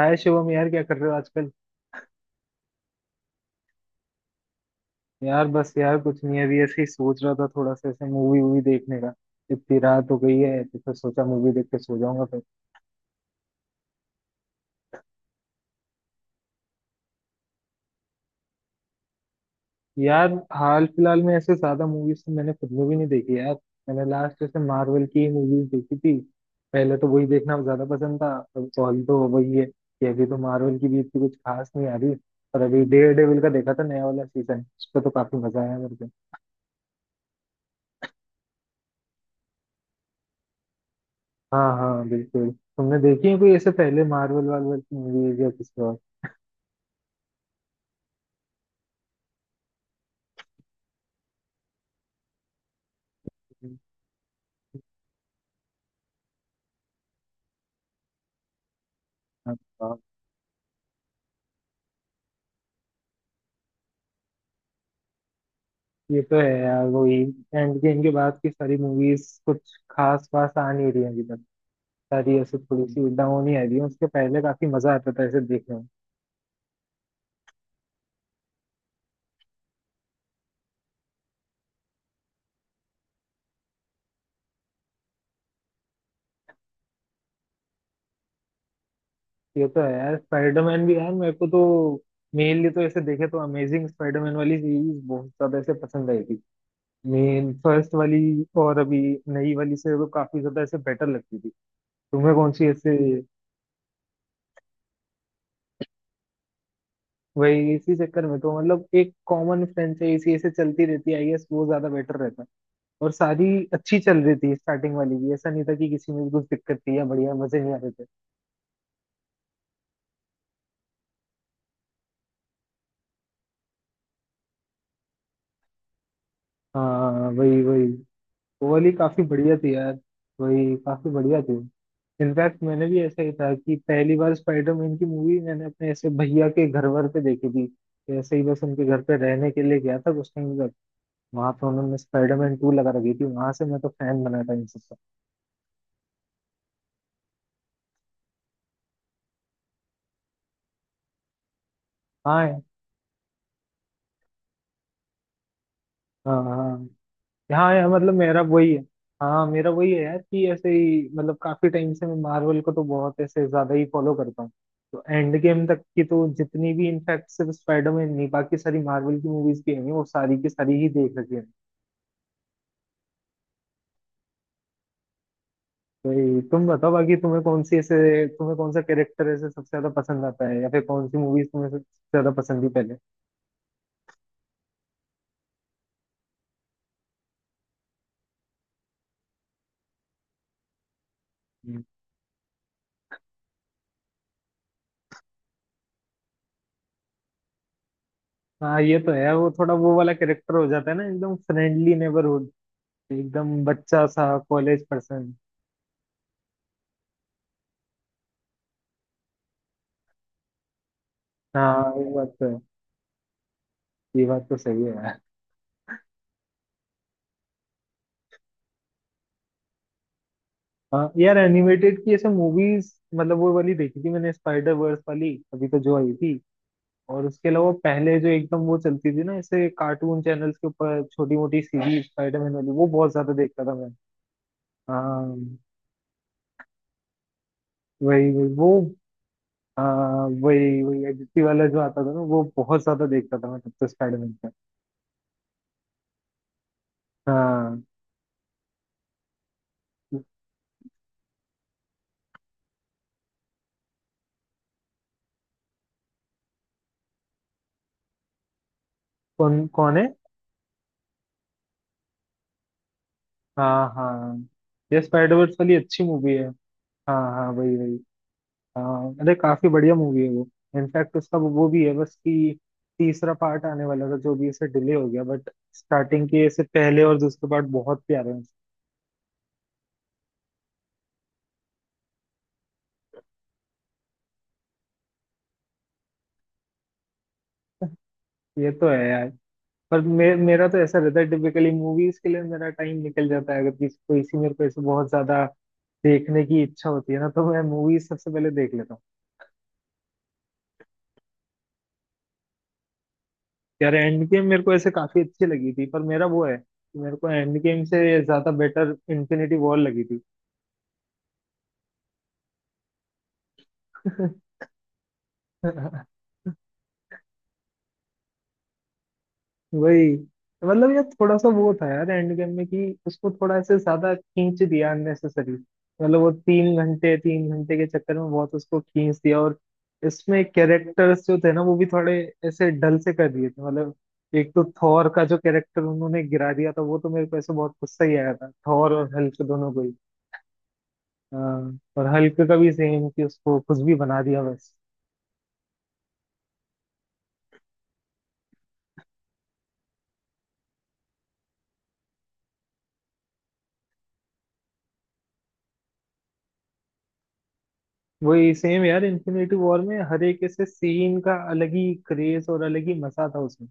हाय शिवम। यार क्या कर रहे हो आजकल। यार बस यार कुछ नहीं, अभी ऐसे ही सोच रहा था थोड़ा सा ऐसे मूवी वूवी देखने का। इतनी रात हो गई है तो फिर सोचा मूवी देख के सो जाऊंगा फिर। यार हाल फिलहाल में ऐसे ज्यादा मूवीज तो मैंने खुद में भी नहीं देखी यार। मैंने लास्ट ऐसे मार्वल की ही मूवीज देखी थी। पहले तो वही देखना ज्यादा पसंद था। अब ऑल तो वही है कि अभी तो मार्वल की भी इतनी कुछ खास नहीं आ रही। और अभी डेयर डेविल का देखा था नया वाला सीजन, उस पर तो काफी मजा आया मेरे को। हाँ हाँ बिल्कुल। तुमने देखी है कोई ऐसे पहले मार्वल वार्वल की मूवीज या किसी और की? हाँ। हाँ, ये तो है यार वही। एंड गेम के बाद की सारी मूवीज कुछ खास वास आ नहीं रही है अभी तक। सारी ऐसे थोड़ी सी डाउन ही आ रही है, उसके पहले काफी मजा आता था ऐसे देखने में। ये तो है यार, स्पाइडरमैन भी यार मेरे को तो मेनली तो ऐसे देखे तो अमेजिंग स्पाइडरमैन वाली सीरीज बहुत ज्यादा ऐसे पसंद आई थी। मेन फर्स्ट वाली और अभी नई वाली से तो काफी ज्यादा ऐसे बेटर लगती थी। तुम्हें कौन सी ऐसे। वही इसी चक्कर में तो मतलब एक कॉमन फ्रेंड से इसी ऐसे चलती रहती है, आई गेस वो ज्यादा बेटर रहता है। और सारी अच्छी चल रही थी, स्टार्टिंग वाली भी ऐसा नहीं था कि किसी में भी कुछ दिक्कत थी या बढ़िया मजे नहीं आ रहे थे। हाँ वही वही। वो वाली काफी बढ़िया थी यार। वही काफी बढ़िया थी। इनफैक्ट मैंने भी ऐसा ही था कि पहली बार स्पाइडरमैन की मूवी मैंने अपने ऐसे भैया के घर वर पे देखी थी। ऐसे ही बस उनके घर पे रहने के लिए गया था कुछ टाइम तक। वहां पे उन्होंने स्पाइडरमैन टू लगा रखी थी, वहां से मैं तो फैन बना था इन सबका। हाँ हाँ हाँ हाँ। यार मतलब मेरा वही है। हाँ मेरा वही है यार कि ऐसे ही, मतलब काफी टाइम से मैं मार्वल को तो बहुत ऐसे ज्यादा ही फॉलो करता हूँ। तो एंड गेम तक की तो जितनी भी, इनफैक्ट सिर्फ स्पाइडरमैन नहीं बाकी सारी मार्वल की मूवीज भी हैं वो सारी की सारी ही देख रखी है। तो ये तुम बताओ बाकी तुम्हें कौन सी ऐसे, तुम्हें कौन सा कैरेक्टर ऐसे सबसे ज्यादा पसंद आता है या फिर कौन सी मूवीज तुम्हें सबसे ज्यादा पसंद थी पहले। हम्म। हाँ ये तो है, वो थोड़ा वो वाला कैरेक्टर हो जाता है ना, एकदम फ्रेंडली नेबरहुड, एकदम बच्चा सा कॉलेज पर्सन। हाँ ये बात तो है। ये बात तो सही है यार। हाँ यार एनिमेटेड की ऐसे मूवीज मतलब वो वाली देखी थी मैंने, स्पाइडर वर्स वाली अभी तो जो आई थी। और उसके अलावा पहले जो एकदम वो चलती थी ना ऐसे कार्टून चैनल्स के ऊपर छोटी मोटी सीरीज स्पाइडरमैन वाली, वो बहुत ज्यादा देखता था मैं। हाँ वही वही वो। हाँ वही वही एडिटी वाला जो आता था ना, वो बहुत ज्यादा देखता था मैं तब तो स्पाइडरमैन का। हाँ। कौन कौन है। हाँ हाँ। ये स्पाइडर वर्स वाली अच्छी मूवी है। हाँ हाँ वही वही। हाँ अरे काफी बढ़िया मूवी है वो। इनफैक्ट उसका वो भी है बस कि तीसरा पार्ट आने वाला था जो भी इसे डिले हो गया बट स्टार्टिंग के इससे पहले और दूसरे पार्ट बहुत प्यारे हैं। ये तो है यार। पर मेरा तो ऐसा रहता है टिपिकली मूवीज के लिए मेरा टाइम निकल जाता है, अगर किसी कोई सी मेरे को ऐसे बहुत ज्यादा देखने की इच्छा होती है ना तो मैं मूवीज सबसे पहले देख लेता हूँ। यार एंड गेम मेरे को ऐसे काफी अच्छी लगी थी पर मेरा वो है कि मेरे को एंड गेम से ज्यादा बेटर इन्फिनिटी वॉर लगी थी। वही। मतलब यार थोड़ा सा वो था यार एंड गेम में कि उसको थोड़ा ऐसे ज्यादा खींच दिया अननेसेसरी, मतलब वो तीन घंटे के चक्कर में बहुत उसको खींच दिया। और इसमें कैरेक्टर्स जो थे ना वो भी थोड़े ऐसे डल से कर दिए थे मतलब। एक तो थॉर का जो कैरेक्टर उन्होंने गिरा दिया था वो तो मेरे को ऐसे बहुत गुस्सा ही आया था, थॉर और हल्क दोनों को ही। हाँ, और हल्क का भी सेम कि उसको कुछ भी बना दिया बस। वही सेम यार, इन्फिनिटी वॉर में हर एक ऐसे सीन का अलग ही क्रेज और अलग ही मजा था उसमें।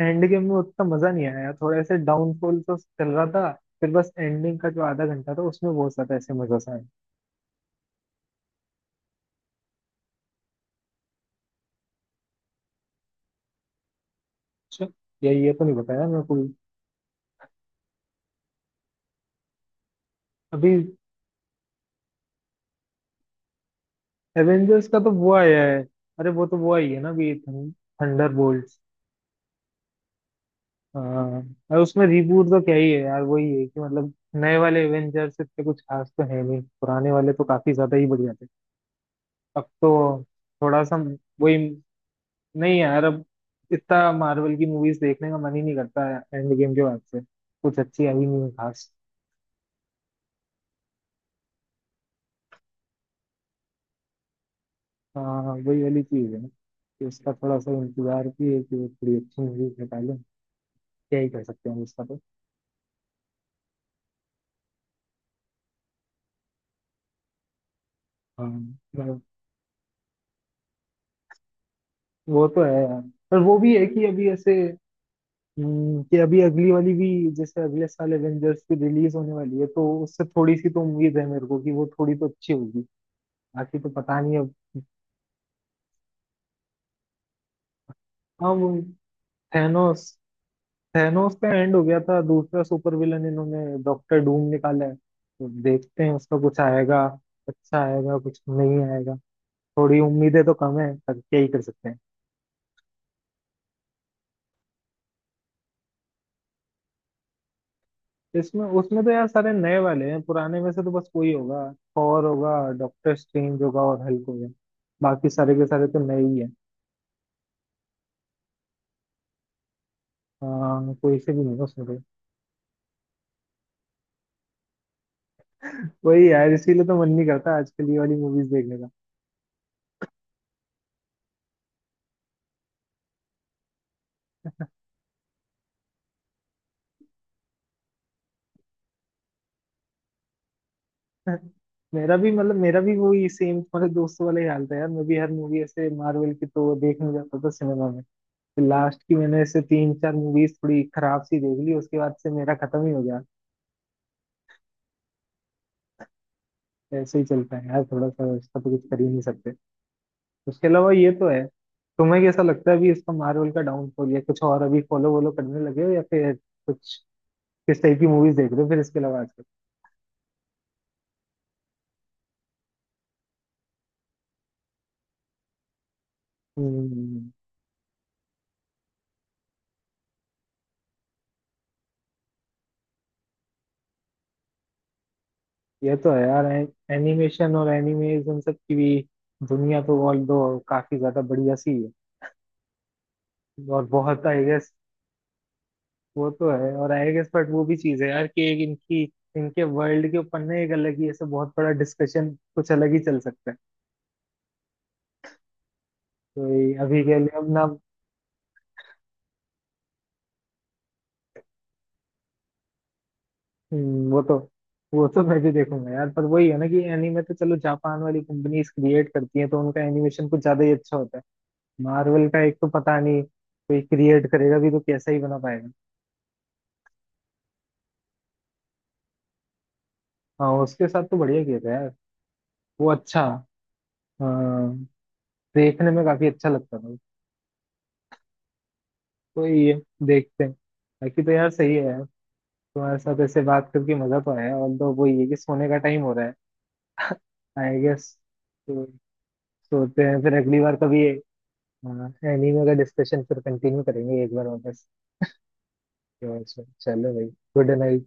एंड गेम में उतना मजा नहीं आया, थोड़ा ऐसे डाउनफॉल तो चल रहा था। फिर बस एंडिंग का जो आधा घंटा था उसमें बहुत ज्यादा ऐसे मजा सा आया। अच्छा। या ये तो नहीं बताया मैं कोई। अभी एवेंजर्स का तो वो आया है। अरे वो तो वो आई है ना अभी, थंडर बोल्ट। हाँ। और उसमें रिबूट तो क्या ही है यार, वही है कि मतलब नए वाले एवेंजर्स इतने कुछ खास तो है नहीं, पुराने वाले तो काफी ज्यादा ही बढ़िया थे। अब तो थोड़ा सा वही। नहीं यार, अब इतना मार्वल की मूवीज देखने का मन ही नहीं करता है एंड गेम के बाद से। कुछ अच्छी आई नहीं है खास। हाँ वही वाली चीज है ना कि उसका थोड़ा सा इंतजार भी है कि वो थोड़ी अच्छी मूवीज निकालें। क्या ही कर सकते हैं उसका तो। हाँ मतलब वो तो है यार, पर वो भी है कि अभी ऐसे, कि अभी अगली वाली भी, जैसे अगले साल एवेंजर्स की रिलीज होने वाली है तो उससे थोड़ी सी तो उम्मीद है मेरे को कि वो थोड़ी तो अच्छी होगी। बाकी तो पता नहीं अब। हाँ वो, थैनोस। थैनोस का एंड हो गया था, दूसरा सुपर विलन इन्होंने डॉक्टर डूम निकाला है तो देखते हैं उसका कुछ आएगा। अच्छा आएगा कुछ नहीं आएगा। थोड़ी उम्मीदें तो कम है पर क्या ही कर सकते हैं। इसमें उसमें तो यार सारे नए वाले हैं, पुराने में से तो बस कोई होगा। थॉर होगा, डॉक्टर स्ट्रेंज होगा और हल्क होगा। बाकी सारे के सारे तो नए ही है। हाँ कोई से भी नहीं है उसमें तो। वही यार, इसीलिए तो मन नहीं करता आजकल ये वाली मूवीज देखने का। मेरा भी मतलब मेरा भी वही सेम तुम्हारे दोस्तों वाला ही हाल था यार, मैं भी हर मूवी ऐसे मार्वल की तो देखने जाता था सिनेमा में। लास्ट की मैंने ऐसे तीन चार मूवीज थोड़ी खराब सी देख ली, उसके बाद से मेरा खत्म ही हो गया। ऐसे ही चलता है यार, थोड़ा सा इसका तो कुछ कर ही नहीं सकते। उसके अलावा ये तो है। तुम्हें कैसा लगता है अभी इसका मार्वल का डाउनफॉल, या कुछ और अभी फॉलो वॉलो करने लगे हो या फिर कुछ, किस टाइप की मूवीज देख रहे हो फिर इसके अलावा आजकल। हम्म। ये तो है यार, एनिमेशन और एनिमेज इन सब की भी दुनिया तो ऑल दो काफी ज्यादा बढ़िया सी है। और बहुत आई गेस। वो तो है और आई गेस, बट वो भी चीज है यार कि एक इनकी, इनके वर्ल्ड के ऊपर ना एक अलग ही ऐसा बहुत बड़ा डिस्कशन कुछ अलग ही चल सकता है। तो ये अभी के लिए अब ना। हम्म, वो तो वो तो मैं भी देखूंगा यार, पर वही है ना कि एनीमे तो चलो जापान वाली कंपनीज क्रिएट करती हैं तो उनका एनिमेशन कुछ ज्यादा ही अच्छा होता है। मार्वल का एक तो पता नहीं कोई क्रिएट करेगा भी तो कैसा ही बना पाएगा। हाँ उसके साथ तो बढ़िया किया था यार। वो अच्छा। हाँ, देखने में काफी अच्छा लगता था। तो ये, देखते हैं। बाकी तो यार सही है यार, तुम्हारे साथ ऐसे बात करके मजा तो आया और तो वो ये कि सोने का टाइम हो रहा है। आई गेस तो सोते हैं फिर, अगली बार कभी एनीमे का डिस्कशन फिर कंटिन्यू करेंगे एक बार वापस। तो चलो भाई, गुड नाइट।